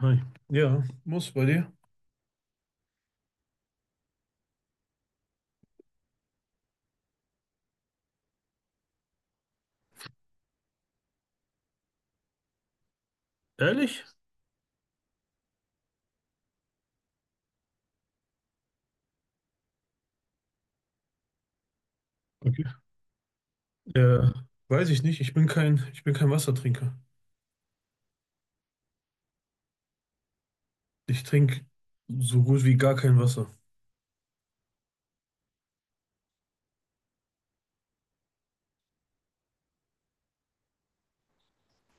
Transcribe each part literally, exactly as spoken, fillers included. Hi. Ja, muss bei dir. Ehrlich? Okay. Ja, weiß ich nicht. Ich bin kein, ich bin kein Wassertrinker. Ich trinke so gut wie gar kein Wasser.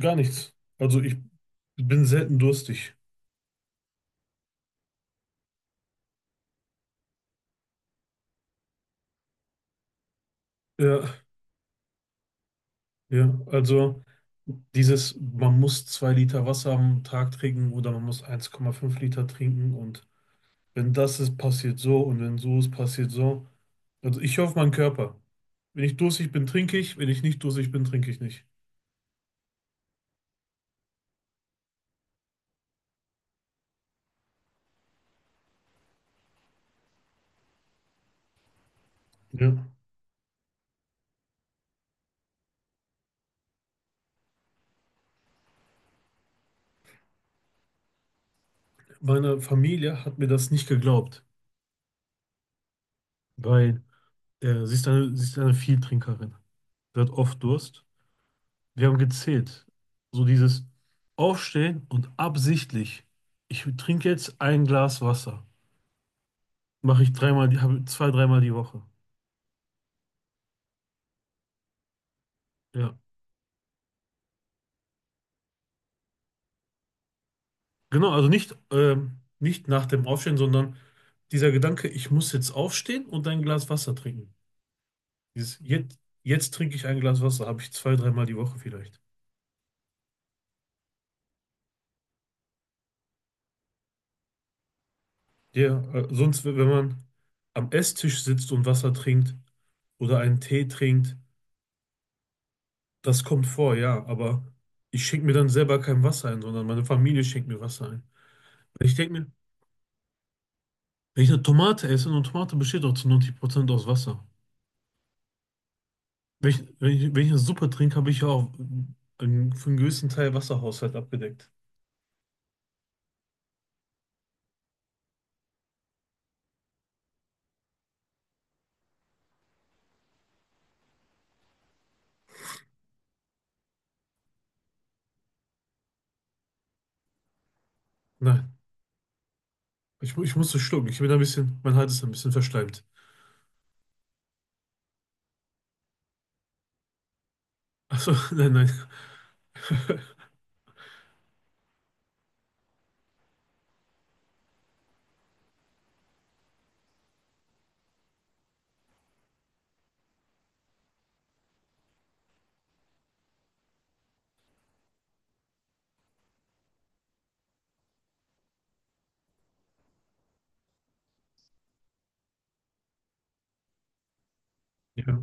Gar nichts. Also ich bin selten durstig. Ja, ja. Also dieses, man muss zwei Liter Wasser am Tag trinken oder man muss 1,5 Liter trinken und wenn das ist, passiert so und wenn so ist, passiert so. Also ich höre auf meinen Körper. Wenn ich durstig bin, trinke ich. Wenn ich nicht durstig bin, trinke ich nicht. Ja. Meine Familie hat mir das nicht geglaubt, weil äh, sie ist eine, sie ist eine Vieltrinkerin. Sie hat oft Durst. Wir haben gezählt. So dieses Aufstehen und absichtlich. Ich trinke jetzt ein Glas Wasser. Mache ich dreimal, die- habe zwei, dreimal die Woche. Ja, genau. Also nicht, ähm, nicht nach dem Aufstehen, sondern dieser Gedanke, ich muss jetzt aufstehen und ein Glas Wasser trinken. Dieses, jetzt, jetzt trinke ich ein Glas Wasser, habe ich zwei, dreimal die Woche vielleicht. Ja, äh, sonst, wenn man am Esstisch sitzt und Wasser trinkt oder einen Tee trinkt, das kommt vor, ja, aber ich schenke mir dann selber kein Wasser ein, sondern meine Familie schenkt mir Wasser ein. Ich denke mir, wenn ich eine Tomate esse, eine Tomate besteht auch zu neunzig Prozent aus Wasser. Wenn ich, wenn ich, wenn ich eine Suppe trinke, habe ich ja auch einen, für einen größten Teil Wasserhaushalt abgedeckt. Nein, ich, mu- ich musste schlucken. Ich bin ein bisschen, mein Hals ist ein bisschen verschleimt. Achso, nein, nein. Ja,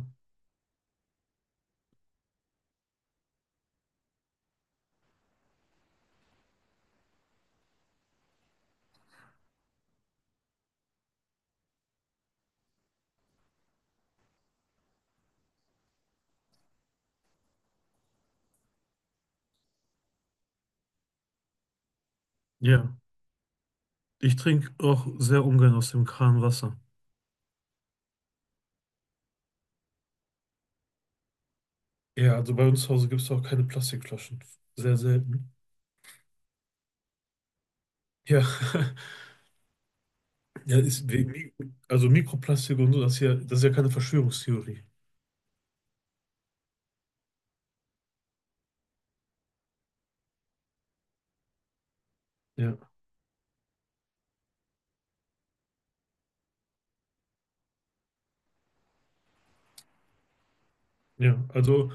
ja. Ich trinke auch sehr ungern aus dem Kran Wasser. Ja, also bei uns zu Hause gibt es auch keine Plastikflaschen. Sehr selten. Ja, ja, ist wegen, Mi- also Mikroplastik und so, das ist ja, das ist ja keine Verschwörungstheorie. Ja, ja. Also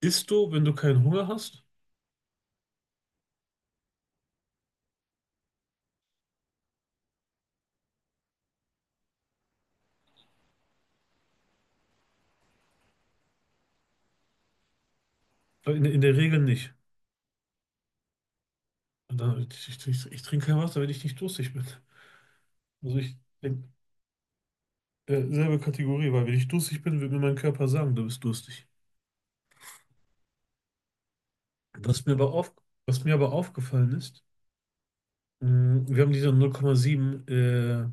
isst du, wenn du keinen Hunger hast? In, der- in der Regel nicht. Und dann, ich, ich, ich, ich trinke kein Wasser, wenn ich nicht durstig bin. Also ich bin äh, selbe Kategorie, weil wenn ich durstig bin, wird mir mein Körper sagen, du bist durstig. Was mir aber auf, was mir aber aufgefallen ist, mh, wir haben diese null Komma sieben äh,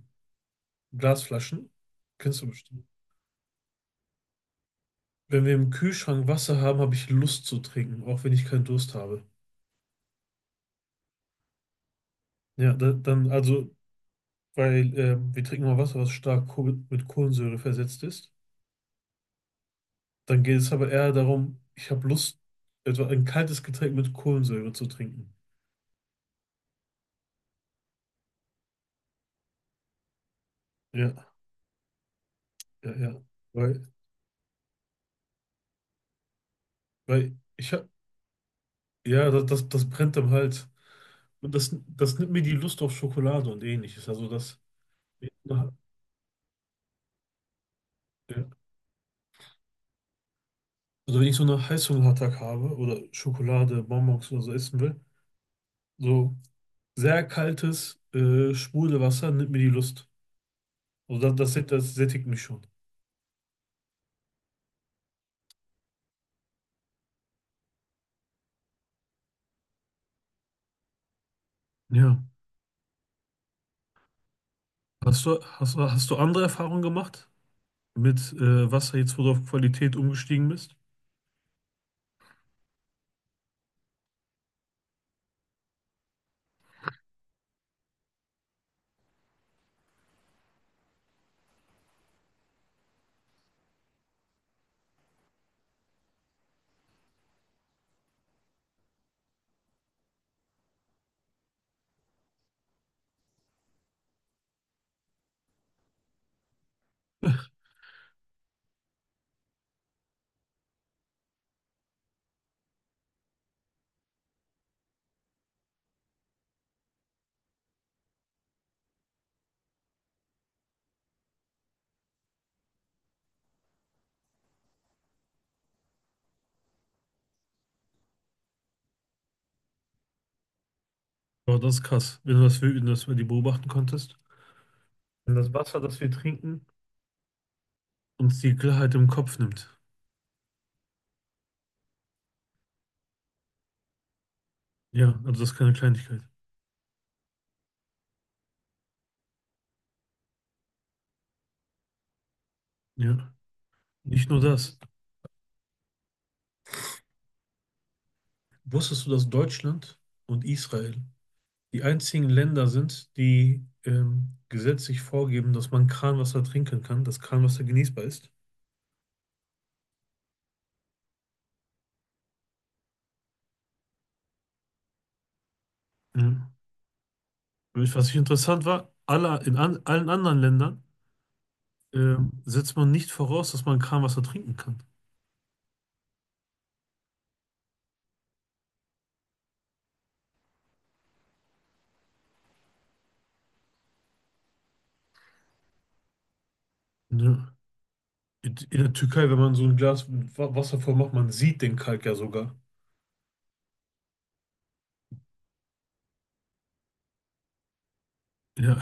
Glasflaschen. Kennst du bestimmt. Wenn wir im Kühlschrank Wasser haben, habe ich Lust zu trinken, auch wenn ich keinen Durst habe. Ja, da, dann, also, weil ähm, wir trinken mal Wasser, was stark Koh- mit Kohlensäure versetzt ist. Dann geht es aber eher darum, ich habe Lust, etwa ein kaltes Getränk mit Kohlensäure zu trinken. Ja, ja, ja. Weil, weil ich habe, ja, das, das, das brennt am Hals. Und das, das nimmt mir die Lust auf Schokolade und ähnliches. Also, das, ja. Also, wenn ich so einen Heißhungerattack habe oder Schokolade, Bonbons oder so essen will, so. Sehr kaltes äh, Sprudelwasser nimmt mir die Lust. Also das, das, das sättigt mich schon. Ja. Hast du, hast, du- hast du andere Erfahrungen gemacht mit äh, Wasser, jetzt wo du auf Qualität umgestiegen bist? Oh, das ist krass, wenn du das, wenn du das mal die beobachten konntest. Wenn das Wasser, das wir trinken, uns die Klarheit im Kopf nimmt. Ja, also das ist keine Kleinigkeit. Ja. Nicht nur das. Wusstest du, dass Deutschland und Israel die einzigen Länder sind, die ähm, gesetzlich vorgeben, dass man Kranwasser trinken kann, dass Kranwasser genießbar ist. Mhm. Was ich interessant war, aller, in an, allen anderen Ländern ähm, setzt man nicht voraus, dass man Kranwasser trinken kann. Ne? In, in der Türkei, wenn man so ein Glas Wa- Wasser voll macht, man sieht den Kalk ja sogar. Ja,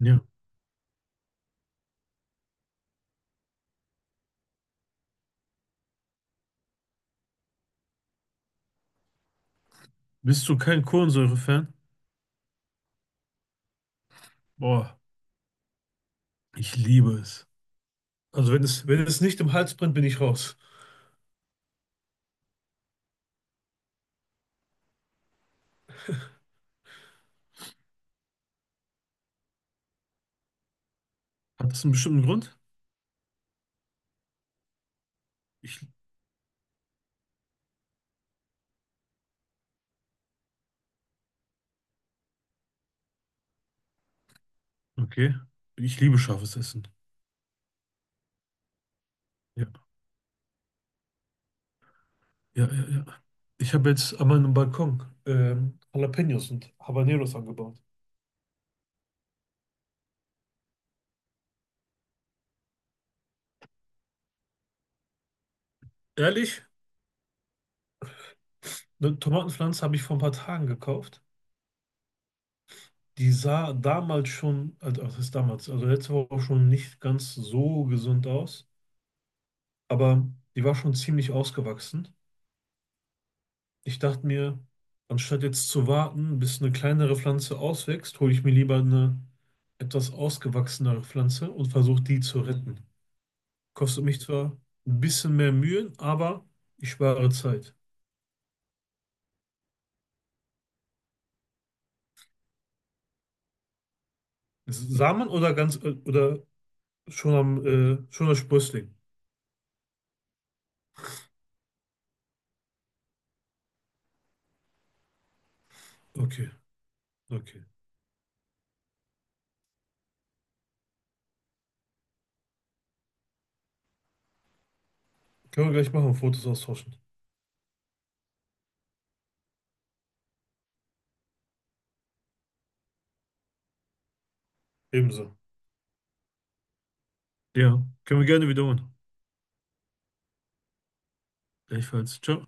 ja. Bist du kein Kohlensäure-Fan? Boah, ich liebe es. Also wenn es, wenn es nicht im Hals brennt, bin ich raus. Hat das einen bestimmten Grund? Ich Okay. Ich liebe scharfes Essen. Ja, ja, ja, ja. Ich habe jetzt an meinem Balkon ähm, Jalapenos und Habaneros angebaut. Ehrlich, eine Tomatenpflanze habe ich vor ein paar Tagen gekauft. Die sah damals schon, also was ist damals, also letzte Woche auch schon nicht ganz so gesund aus, aber die war schon ziemlich ausgewachsen. Ich dachte mir, anstatt jetzt zu warten, bis eine kleinere Pflanze auswächst, hole ich mir lieber eine etwas ausgewachsenere Pflanze und versuche die zu retten. Kostet mich zwar ein bisschen mehr Mühen, aber ich spare Zeit. Samen oder ganz äh, oder schon am äh, schon als Sprössling? Okay, okay. Können wir gleich machen, Fotos austauschen. Ebenso. Ja, können wir gerne wiederholen. Gleichfalls. Ciao.